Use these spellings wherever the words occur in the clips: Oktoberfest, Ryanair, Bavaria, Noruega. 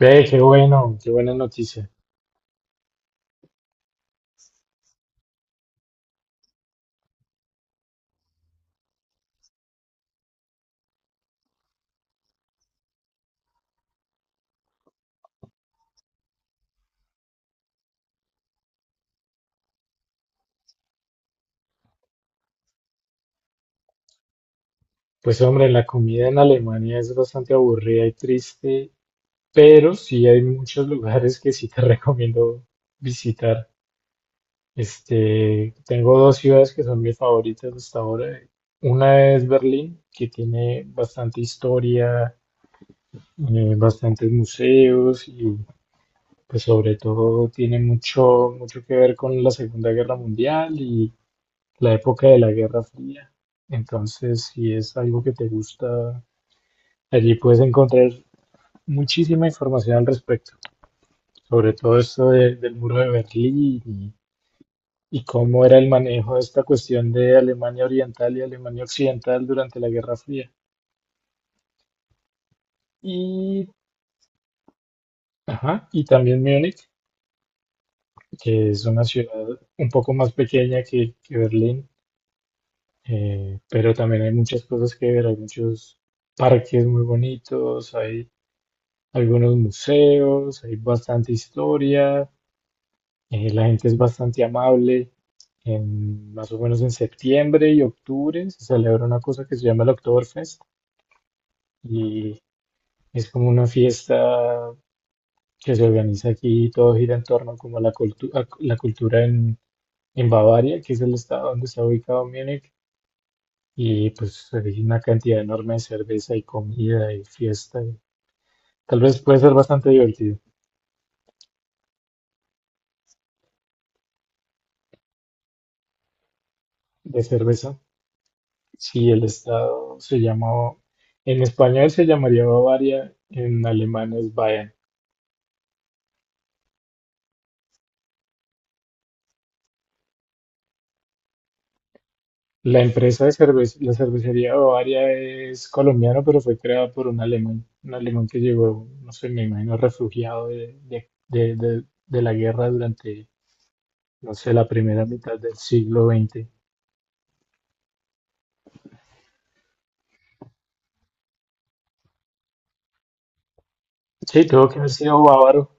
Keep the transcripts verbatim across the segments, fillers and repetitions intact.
Ve, qué bueno, qué buena noticia. Pues hombre, la comida en Alemania es bastante aburrida y triste, pero sí hay muchos lugares que sí te recomiendo visitar. Este, tengo dos ciudades que son mis favoritas hasta ahora. Una es Berlín, que tiene bastante historia, eh, bastantes museos y pues sobre todo tiene mucho, mucho que ver con la Segunda Guerra Mundial y la época de la Guerra Fría. Entonces, si es algo que te gusta, allí puedes encontrar muchísima información al respecto, sobre todo esto de- del muro de Berlín y, y cómo era el manejo de esta cuestión de Alemania Oriental y Alemania Occidental durante la Guerra Fría. Y, ajá, y también Múnich, que es una ciudad un poco más pequeña que, que Berlín, eh, pero también hay muchas cosas que ver, hay muchos parques muy bonitos, hay algunos museos, hay bastante historia, eh, la gente es bastante amable. En, más o menos en septiembre y octubre se celebra una cosa que se llama el Oktoberfest y es como una fiesta que se organiza aquí y todo gira en torno como a la, cultu- a la cultura en, en Bavaria, que es el estado donde está ubicado Múnich, y pues hay una cantidad enorme de cerveza y comida y fiesta. Y tal vez puede ser bastante divertido de cerveza. Sí, el estado se llamó, en español se llamaría Bavaria, en alemán es Bayern. La empresa de cerveza, la cervecería Bavaria es colombiana, pero fue creada por un alemán, un alemán que llegó, no sé, me imagino, refugiado de, de, de, de- de la guerra durante, no sé, la primera mitad del siglo veinte. Sí, tuvo que haber sido bávaro.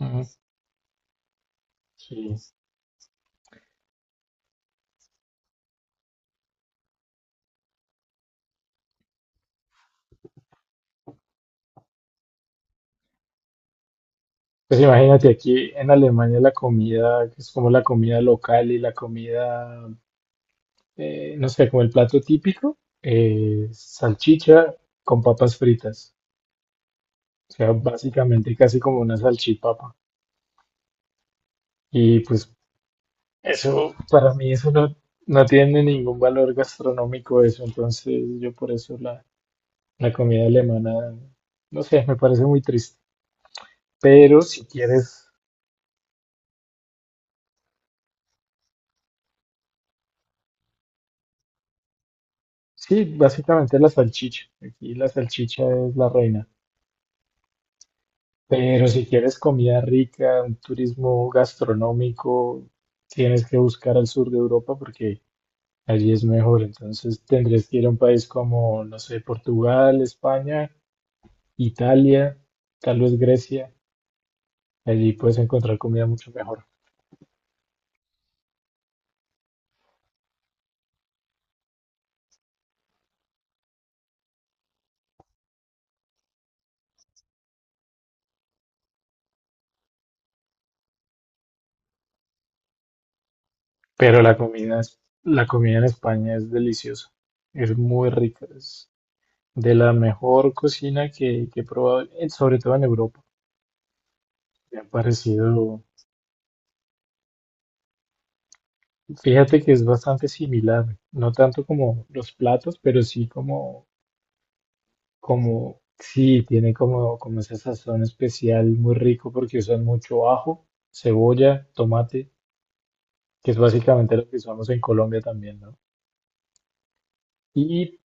Ujú, sí. Pues imagínate, aquí en Alemania la comida, que es como la comida local y la comida eh, no sé, como el plato típico, eh, salchicha con papas fritas. O sea, básicamente casi como una salchipapa. Y pues eso, para mí eso no, no tiene ningún valor gastronómico eso. Entonces yo por eso la, la comida alemana, no sé, me parece muy triste. Pero si quieres, sí, básicamente la salchicha. Aquí la salchicha es la reina. Pero si quieres comida rica, un turismo gastronómico, tienes que buscar al sur de Europa porque allí es mejor. Entonces tendrías que ir a un país como, no sé, Portugal, España, Italia, tal vez Grecia. Allí puedes encontrar comida mucho mejor. Pero la comida es- la comida en España es deliciosa. Es muy rica. Es de la mejor cocina que, que he probado, eh, sobre todo en Europa. Me ha parecido. Fíjate que es bastante similar, no tanto como los platos, pero sí como, como, sí, tiene como, como esa sazón especial muy rico porque usan mucho ajo, cebolla, tomate, que es básicamente lo que usamos en Colombia también, ¿no? Y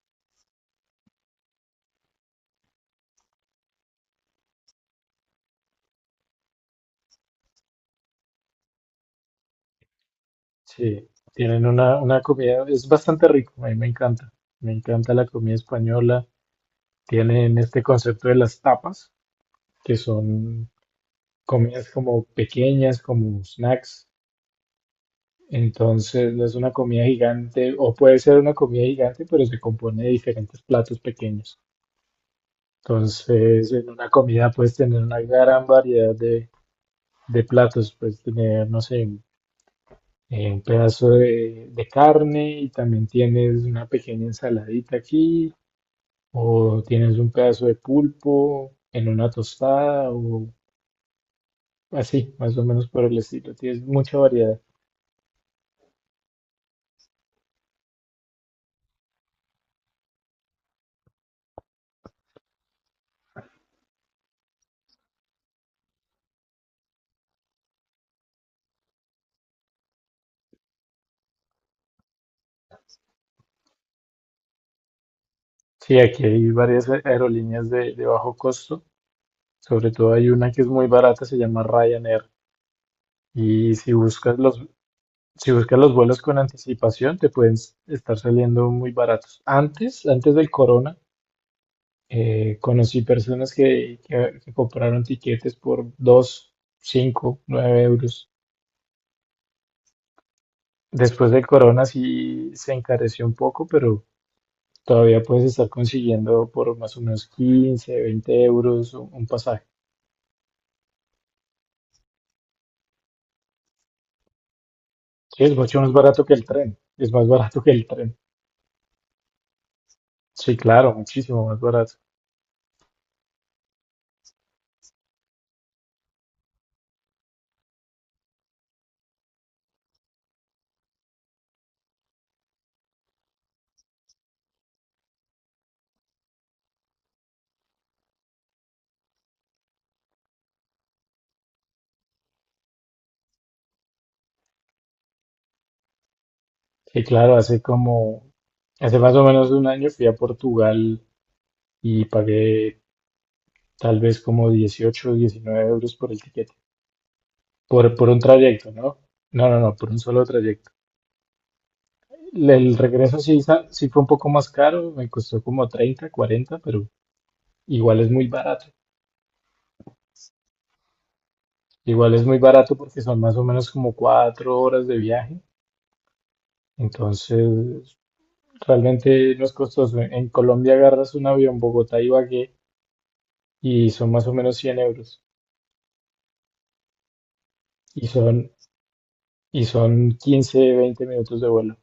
sí, tienen una, una comida, es bastante rico, a mí me encanta, me encanta la comida española, tienen este concepto de las tapas, que son comidas como pequeñas, como snacks. Entonces no es una comida gigante, o puede ser una comida gigante, pero se compone de diferentes platos pequeños. Entonces en una comida puedes tener una gran variedad de, de platos, puedes tener, no sé, eh, un pedazo de, de carne y también tienes una pequeña ensaladita aquí, o tienes un pedazo de pulpo en una tostada, o así, más o menos por el estilo. Tienes mucha variedad. Sí, aquí hay varias aerolíneas de, de bajo costo. Sobre todo hay una que es muy barata, se llama Ryanair. Y si buscas los, si buscas los vuelos con anticipación, te pueden s- estar saliendo muy baratos. Antes, antes del corona, eh, conocí personas que, que- que compraron tiquetes por dos cinco nueve euros. Después del corona sí se encareció un poco, pero todavía puedes estar consiguiendo por más o menos quince veinte euros un un pasaje. Sí, es mucho más barato que el tren. Es más barato que el tren. Sí, claro, muchísimo más barato. Sí, claro, hace como, hace más o menos un año fui a Portugal y pagué tal vez como dieciocho, o diecinueve euros por el tiquete, por, por un trayecto, ¿no? No, no, no, por un solo trayecto. El el regreso sí, sa- sí fue un poco más caro, me costó como treinta, cuarenta, pero igual es muy barato. Igual es muy barato porque son más o menos como cuatro horas de viaje. Entonces, realmente no es costoso. En Colombia agarras un avión Bogotá-Ibagué y son más o menos cien euros y son, y son quince veinte minutos de vuelo.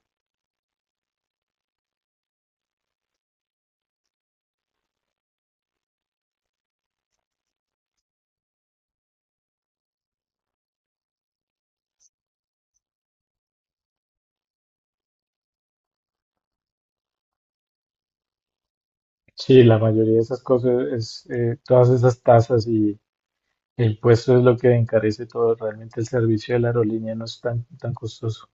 Sí, la mayoría de esas cosas es eh, todas esas tasas y el puesto es lo que encarece todo. Realmente el servicio de la aerolínea no es tan, tan costoso.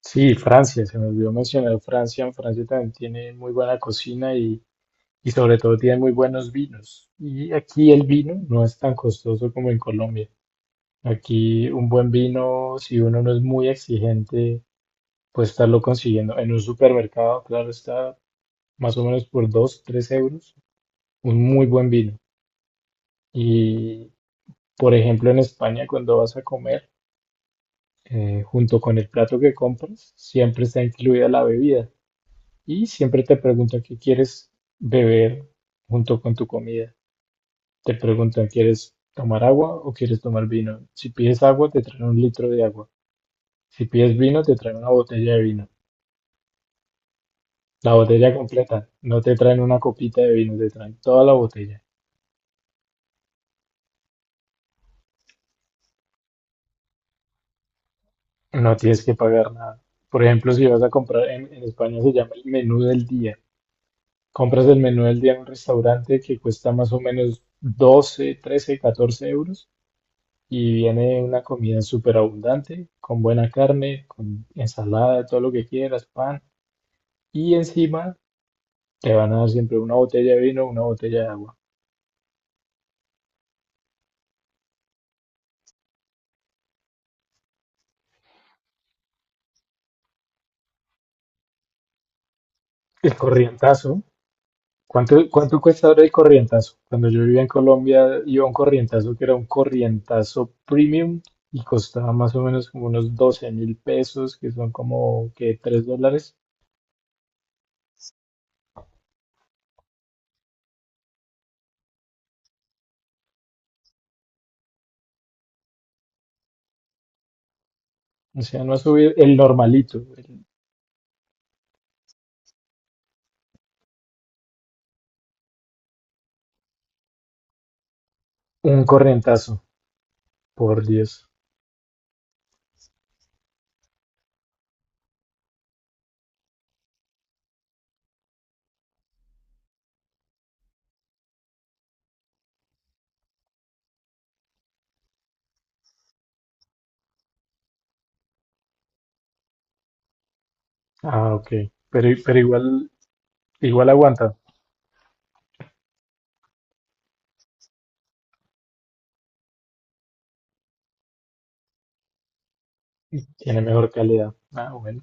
Sí, Francia, se me olvidó mencionar Francia. Francia también tiene muy buena cocina y, y sobre todo tiene muy buenos vinos. Y aquí el vino no es tan costoso como en Colombia. Aquí un buen vino, si uno no es muy exigente, Puedes estarlo consiguiendo en un supermercado, claro está, más o menos por dos tres euros, un muy buen vino. Y, por ejemplo, en España, cuando vas a comer, eh, junto con el plato que compras, siempre está incluida la bebida. Y siempre te preguntan qué quieres beber junto con tu comida. Te preguntan, ¿quieres tomar agua o quieres tomar vino? Si pides agua, te traen un litro de agua. Si pides vino, te traen una botella de vino. La botella completa. No te traen una copita de vino, te traen toda la botella. No tienes que pagar nada. Por ejemplo, si vas a comprar en, en España se llama el menú del día. Compras el menú del día en un restaurante que cuesta más o menos doce trece catorce euros y viene una comida súper abundante, con buena carne, con ensalada, todo lo que quieras, pan y encima te van a dar siempre una botella de vino, una botella de agua. El corrientazo. ¿Cuánto, cuánto cuesta ahora el corrientazo? Cuando yo vivía en Colombia, iba a un corrientazo que era un corrientazo premium y costaba más o menos como unos doce mil pesos, que son como que tres dólares. O sea, no ha subido el normalito, el- un corrientazo, por Dios. Ah, ok. Pero, pero igual, igual aguanta, tiene mejor calidad. Ah, bueno.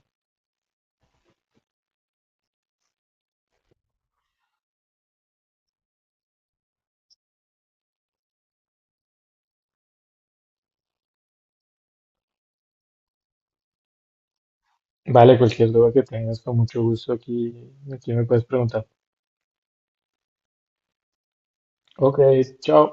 Vale, cualquier duda que tengas, con mucho gusto aquí, aquí me puedes preguntar. Ok, chao.